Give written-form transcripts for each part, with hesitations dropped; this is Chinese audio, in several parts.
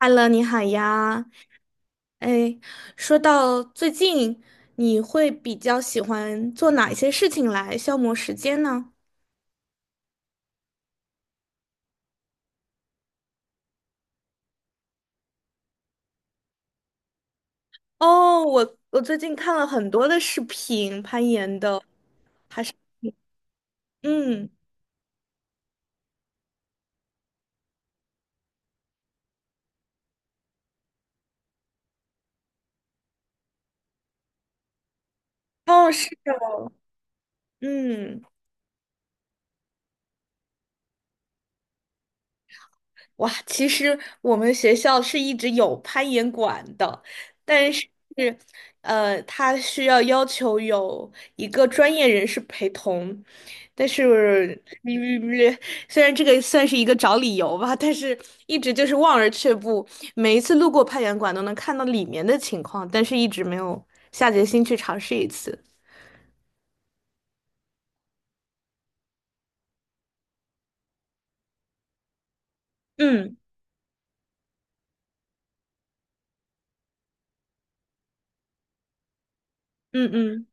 Hello，你好呀。哎，说到最近，你会比较喜欢做哪一些事情来消磨时间呢？哦，我最近看了很多的视频，攀岩的。嗯。哦，是的。嗯。哇，其实我们学校是一直有攀岩馆的，但是，它需要要求有一个专业人士陪同，但是，嗯虽然这个算是一个找理由吧，但是一直就是望而却步。每一次路过攀岩馆都能看到里面的情况，但是一直没有下决心去尝试一次。嗯嗯嗯，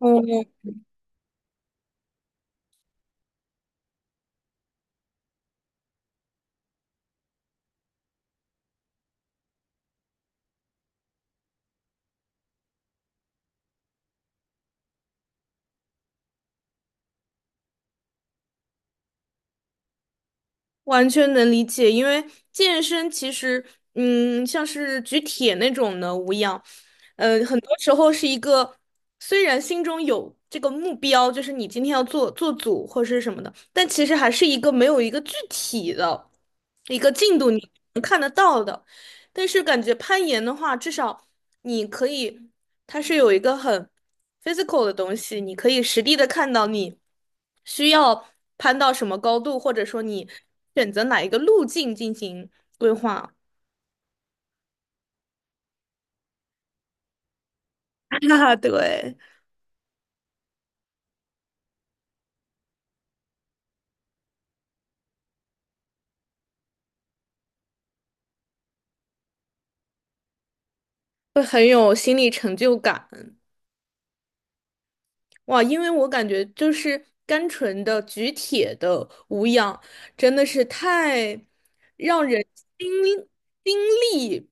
我完全能理解，因为健身其实，像是举铁那种的无氧，很多时候是一个，虽然心中有这个目标，就是你今天要做做组或是什么的，但其实还是一个没有一个具体的一个进度你能看得到的。但是感觉攀岩的话，至少你可以。它是有一个很 physical 的东西，你可以实地的看到你需要攀到什么高度，或者说你选择哪一个路径进行规划。啊，对，会很有心理成就感。哇，因为我感觉就是单纯的举铁的无氧，真的是太让人心心力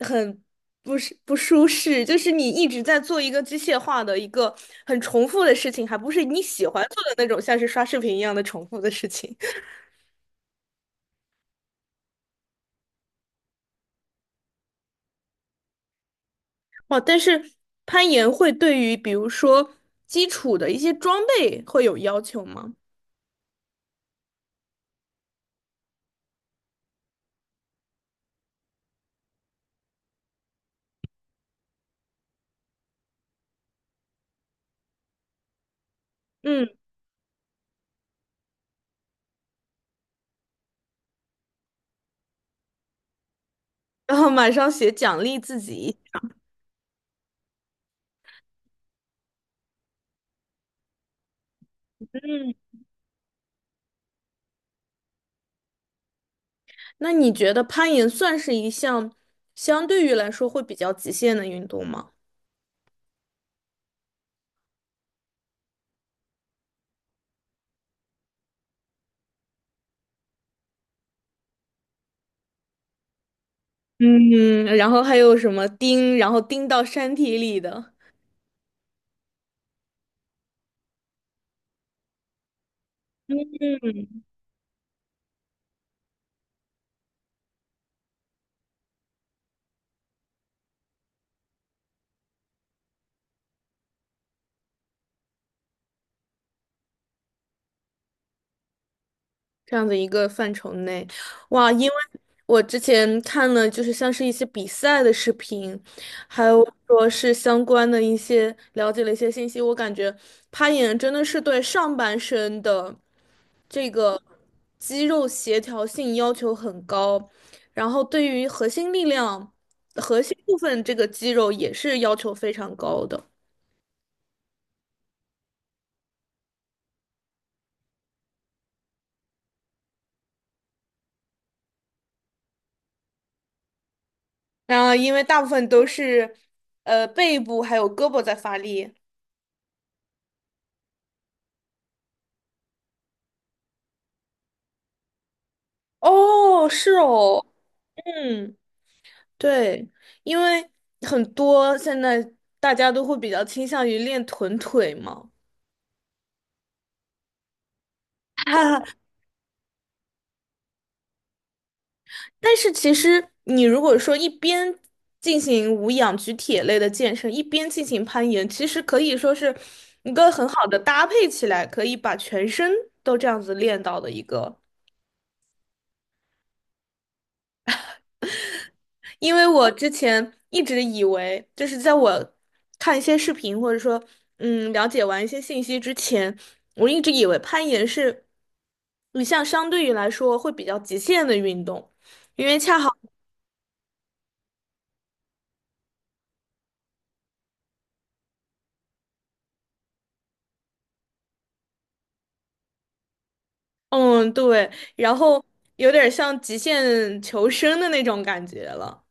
很不是不舒适，就是你一直在做一个机械化的一个很重复的事情，还不是你喜欢做的那种，像是刷视频一样的重复的事情。哇，但是攀岩会对于比如说基础的一些装备会有要求吗？嗯，然后马上写奖励自己。嗯。那你觉得攀岩算是一项相对于来说会比较极限的运动吗？嗯，然后还有什么钉，然后钉到山体里的？嗯。这样的一个范畴内，哇！因为我之前看了，就是像是一些比赛的视频，还有说是相关的一些了解了一些信息，我感觉攀岩真的是对上半身的这个肌肉协调性要求很高，然后对于核心力量、核心部分这个肌肉也是要求非常高的。啊，因为大部分都是背部还有胳膊在发力。哦，是哦。嗯，对，因为很多现在大家都会比较倾向于练臀腿嘛。哈哈，但是其实你如果说一边进行无氧举铁类的健身，一边进行攀岩，其实可以说是一个很好的搭配起来，可以把全身都这样子练到的一个。因为我之前一直以为，就是在我看一些视频或者说了解完一些信息之前，我一直以为攀岩是你像相对于来说会比较极限的运动，因为恰好嗯对，然后有点像极限求生的那种感觉了。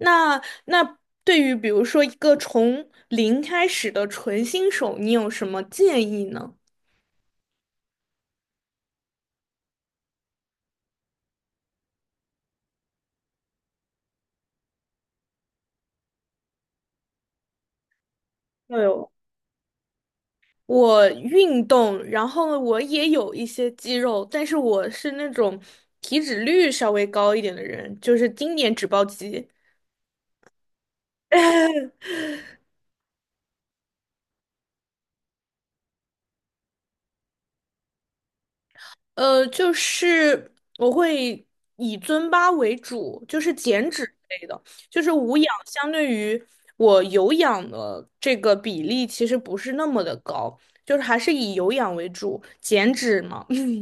那对于比如说一个从零开始的纯新手，你有什么建议呢？对，我运动，然后我也有一些肌肉，但是我是那种体脂率稍微高一点的人，就是经典脂包肌。呃，就是我会以尊巴为主，就是减脂类的，就是无氧相对于我有氧的这个比例其实不是那么的高，就是还是以有氧为主，减脂嘛。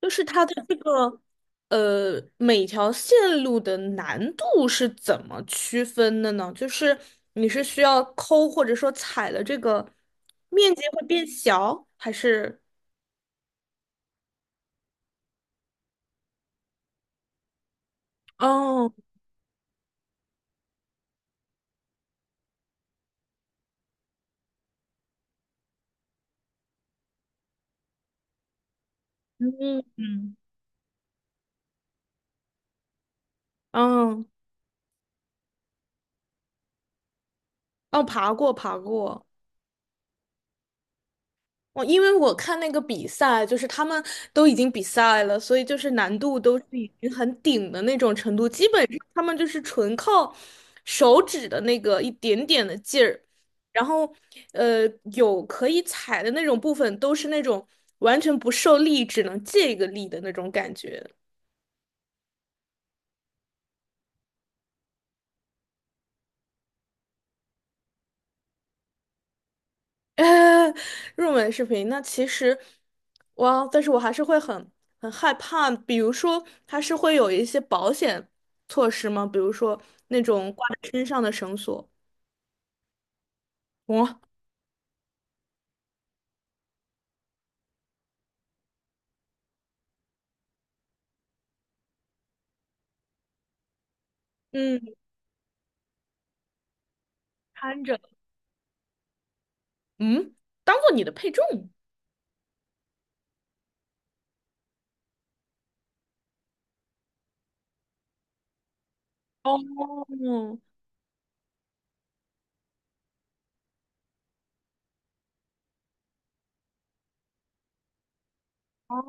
就是它的这个每条线路的难度是怎么区分的呢？就是你是需要抠或者说踩了这个面积会变小，还是哦。嗯嗯嗯哦，爬过爬过。我因为我看那个比赛，就是他们都已经比赛了，所以就是难度都是已经很顶的那种程度，基本上他们就是纯靠手指的那个一点点的劲儿，然后呃有可以踩的那种部分都是那种完全不受力，只能借一个力的那种感觉。入门视频，那其实，哇，但是我还是会很很害怕。比如说，它是会有一些保险措施吗？比如说那种挂在身上的绳索，哇。嗯，看着。嗯，当做你的配重。哦。哦，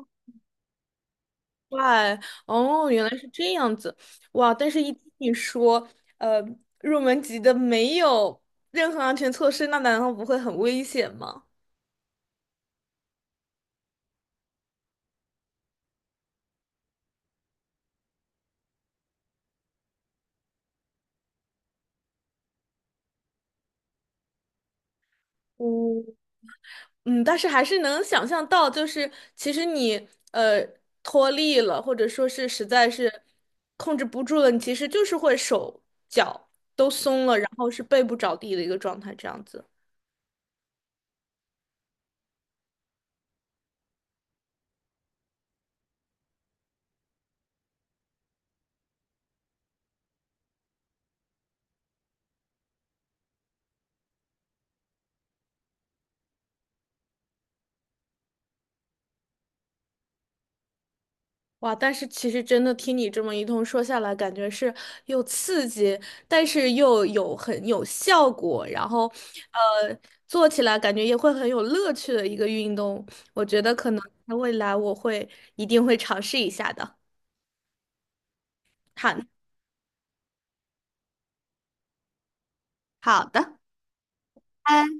怪。哦，原来是这样子。哇！但是一听你说，呃，入门级的没有任何安全措施，那难道不会很危险吗？哦，嗯，但是还是能想象到，就是其实你脱力了，或者说是实在是控制不住了，你其实就是会手脚都松了，然后是背部着地的一个状态，这样子。哇，但是其实真的听你这么一通说下来，感觉是又刺激，但是又有很有效果，然后呃做起来感觉也会很有乐趣的一个运动。我觉得可能在未来我会一定会尝试一下的。好。好的。拜。